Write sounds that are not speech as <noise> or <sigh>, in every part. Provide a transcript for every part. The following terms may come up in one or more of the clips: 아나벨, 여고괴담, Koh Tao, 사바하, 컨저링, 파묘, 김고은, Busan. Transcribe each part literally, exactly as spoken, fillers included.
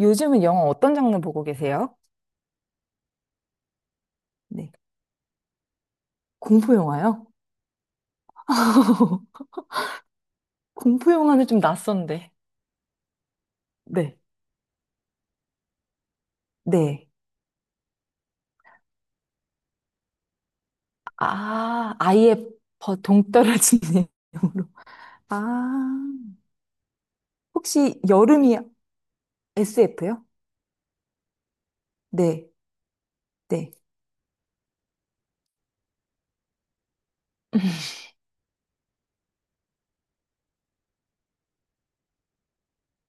요즘은 영화 어떤 장르 보고 계세요? 네. 공포 영화요? <laughs> 공포 영화는 좀 낯선데. 네. 네. 아, 아예 버- 동떨어지는 <laughs> 영화로. 아, 혹시 여름이 에스에프요? 네. 네.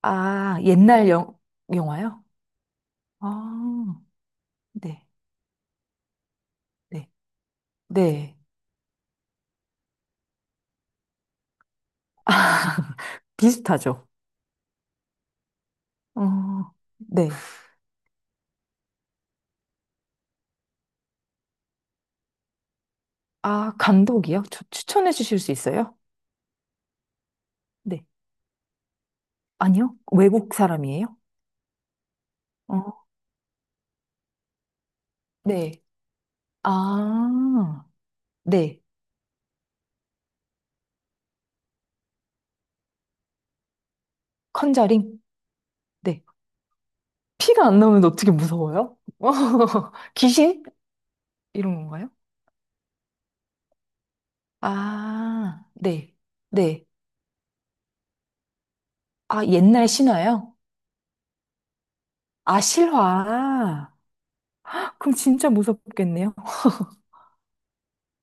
아, 옛날 영, 영화요? 아, 네. 네. 네. 아, <laughs> 비슷하죠? 어, 네. 아, 감독이요? 추, 추천해 주실 수 있어요? 네. 아니요? 외국 사람이에요? 어, 네. 아, 네. 컨저링? 네. 피가 안 나오면 어떻게 무서워요? <laughs> 귀신? 이런 건가요? 아, 네. 네. 아, 옛날 신화요? 아, 실화. 그럼 진짜 무섭겠네요.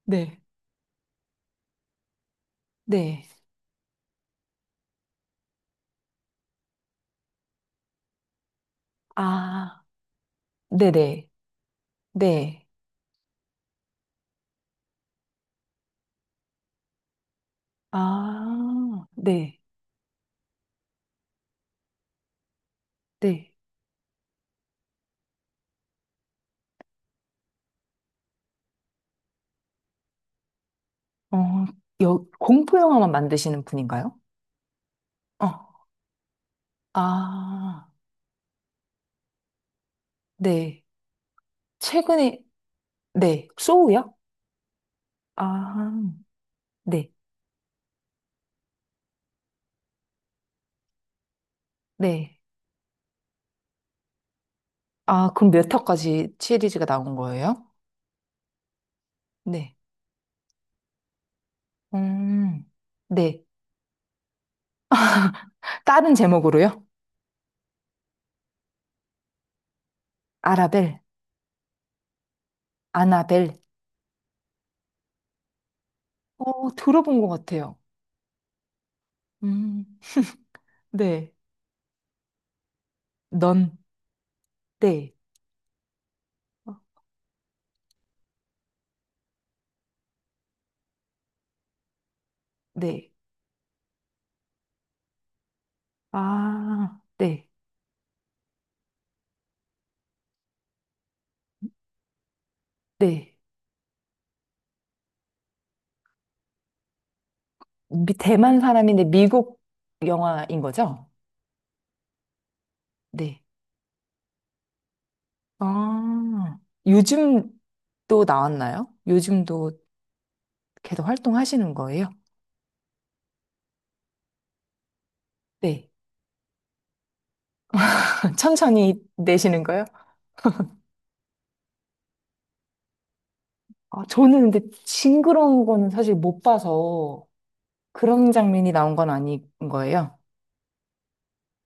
네. 네. 아, 네네. 네. 아, 네. 네. 어, 여, 공포 영화만 만드시는 분인가요? 어. 아, 네. 최근에, 네, 소우요? 아, 네, 네. 아, 그럼 몇 화까지 시리즈가 나온 거예요? 네. 음, 네. <laughs> 다른 제목으로요? 아라벨, 아나벨. 어, 들어본 것 같아요. 음, 네. 넌, 네. 어, 네. 아, 네, 네. 미- 대만 사람인데 미국 영화인 거죠? 네. 아, 요즘 또 나왔나요? 요즘도 계속 활동하시는 거예요? 네. <laughs> 천천히 내시는 거예요? 아, 저는 근데 징그러운 거는 사실 못 봐서 그런 장면이 나온 건 아닌 거예요.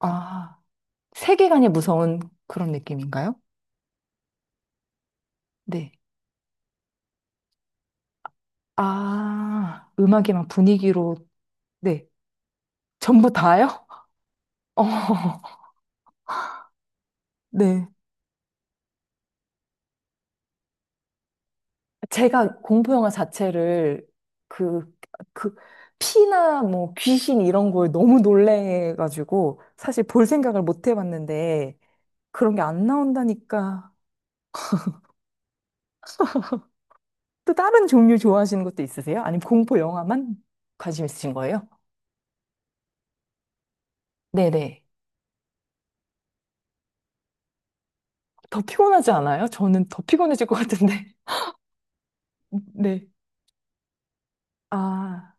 아, 세계관이 무서운 그런 느낌인가요? 네. 아, 음악이랑 분위기로, 네. 전부 다요? <laughs> 어, 네. 제가 공포 영화 자체를 그, 그, 피나 뭐 귀신 이런 걸 너무 놀래가지고 사실 볼 생각을 못 해봤는데 그런 게 안 나온다니까. 또 다른 종류 좋아하시는 것도 있으세요? 아니면 공포 영화만 관심 있으신 거예요? 네네. 더 피곤하지 않아요? 저는 더 피곤해질 것 같은데. <laughs> 네. 아,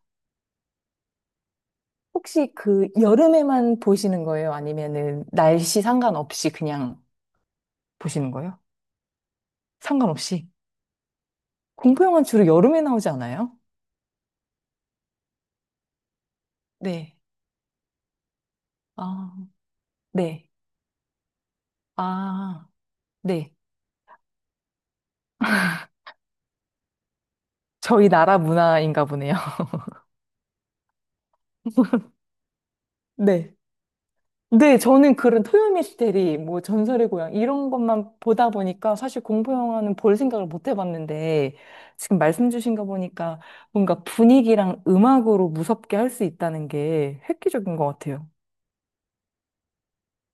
혹시 그 여름에만 보시는 거예요? 아니면은 날씨 상관없이 그냥 보시는 거예요? 상관없이. 공포 영화는 주로 여름에 나오지 않아요? 네. 아, 네. 아, 네. 저희 나라 문화인가 보네요. <laughs> 네. 네, 저는 그런 토요 미스테리, 뭐 전설의 고향 이런 것만 보다 보니까 사실 공포 영화는 볼 생각을 못 해봤는데 지금 말씀 주신 거 보니까 뭔가 분위기랑 음악으로 무섭게 할 수 있다는 게 획기적인 것 같아요.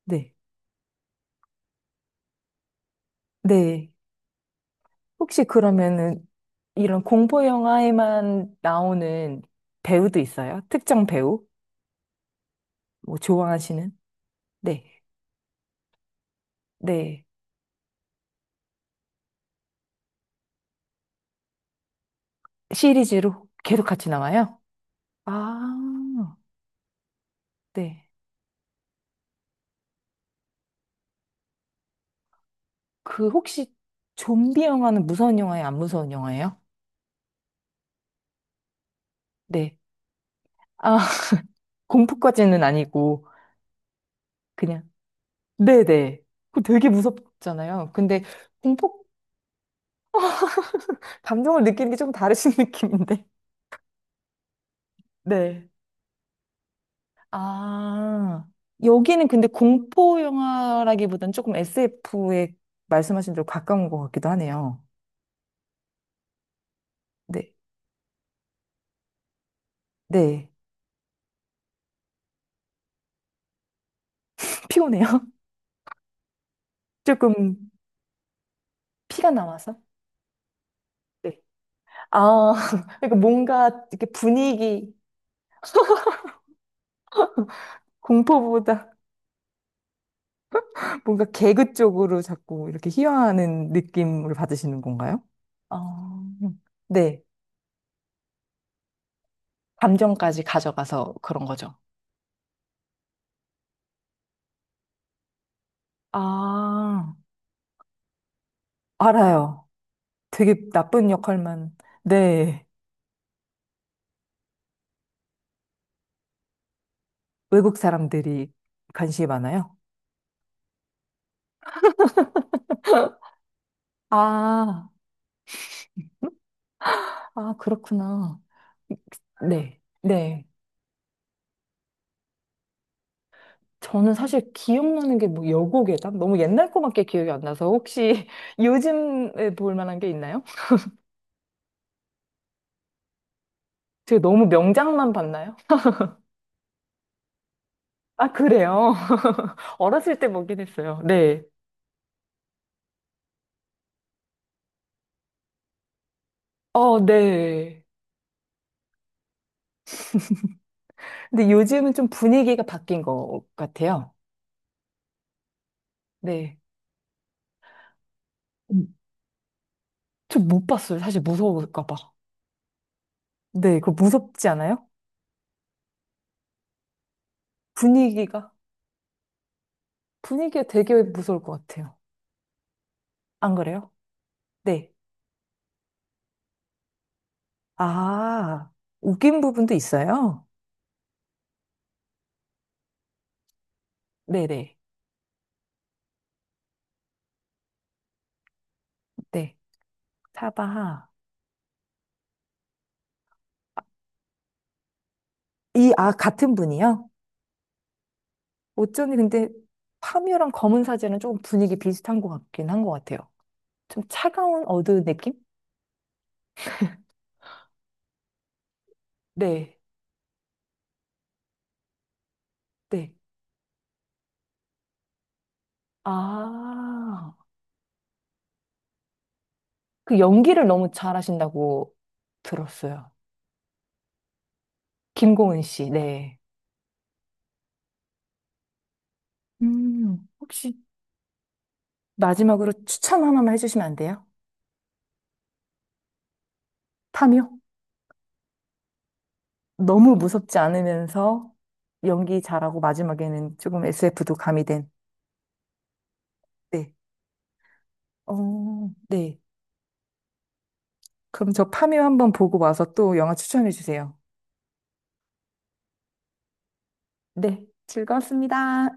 네. 네. 혹시 그러면은 이런 공포 영화에만 나오는 배우도 있어요? 특정 배우? 뭐 좋아하시는? 네. 네. 시리즈로 계속 같이 나와요? 아, 네. 그 혹시 좀비 영화는 무서운 영화예요? 안 무서운 영화예요? 네. 아, <laughs> 공포까지는 아니고 그냥 네네. 그 되게 무섭잖아요. 근데 공포 감정을 느끼는 게 조금 다르신 <laughs> 느낌인데. 네. 아, 여기는 근데 공포 영화라기보다는 조금 에스에프에 말씀하신 대로 가까운 것 같기도 하네요. 네. 네. <laughs> 피곤해요. <laughs> 조금 피가 나와서. 네. 아, <laughs> 그러니까 뭔가 이렇게 분위기 공포보다 뭔가 개그 쪽으로 자꾸 이렇게 희화하는 느낌을 받으시는 건가요? 어, 네. 감정까지 가져가서 그런 거죠. 아, 알아요. 되게 나쁜 역할만, 네, 외국 사람들이 관심이 많아요. 아, 아, 그렇구나. 네. 네. 저는 사실 기억나는 게 뭐 여고괴담? 너무 옛날 거밖에 기억이 안 나서 혹시 <laughs> 요즘에 볼 만한 게 있나요? 제가 너무 명작만 봤나요? 아, 그래요? <laughs> 어렸을 때 먹긴 했어요. 네. 어, 네. 근데 요즘은 좀 분위기가 바뀐 것 같아요. 네. 좀 못 봤어요. 사실 무서울까 봐. 네, 그거 무섭지 않아요? 분위기가. 분위기가 되게 무서울 것 같아요. 안 그래요? 네. 아, 웃긴 부분도 있어요. 네네. 네. 사바하. 이, 아, 같은 분이요? 어쩐지 근데 파묘랑 검은 사제는 조금 분위기 비슷한 것 같긴 한 것 같아요. 좀 차가운 어두 느낌? 네, 네. 아, 그 연기를 너무 잘하신다고 들었어요. 김고은 씨, 네. 음, 혹시 마지막으로 추천 하나만 해주시면 안 돼요? 탐요? 너무 무섭지 않으면서 연기 잘하고 마지막에는 조금 에스에프도 가미된. 네. 어, 네. 그럼 저 파묘 한번 보고 와서 또 영화 추천해 주세요. 네. 즐거웠습니다.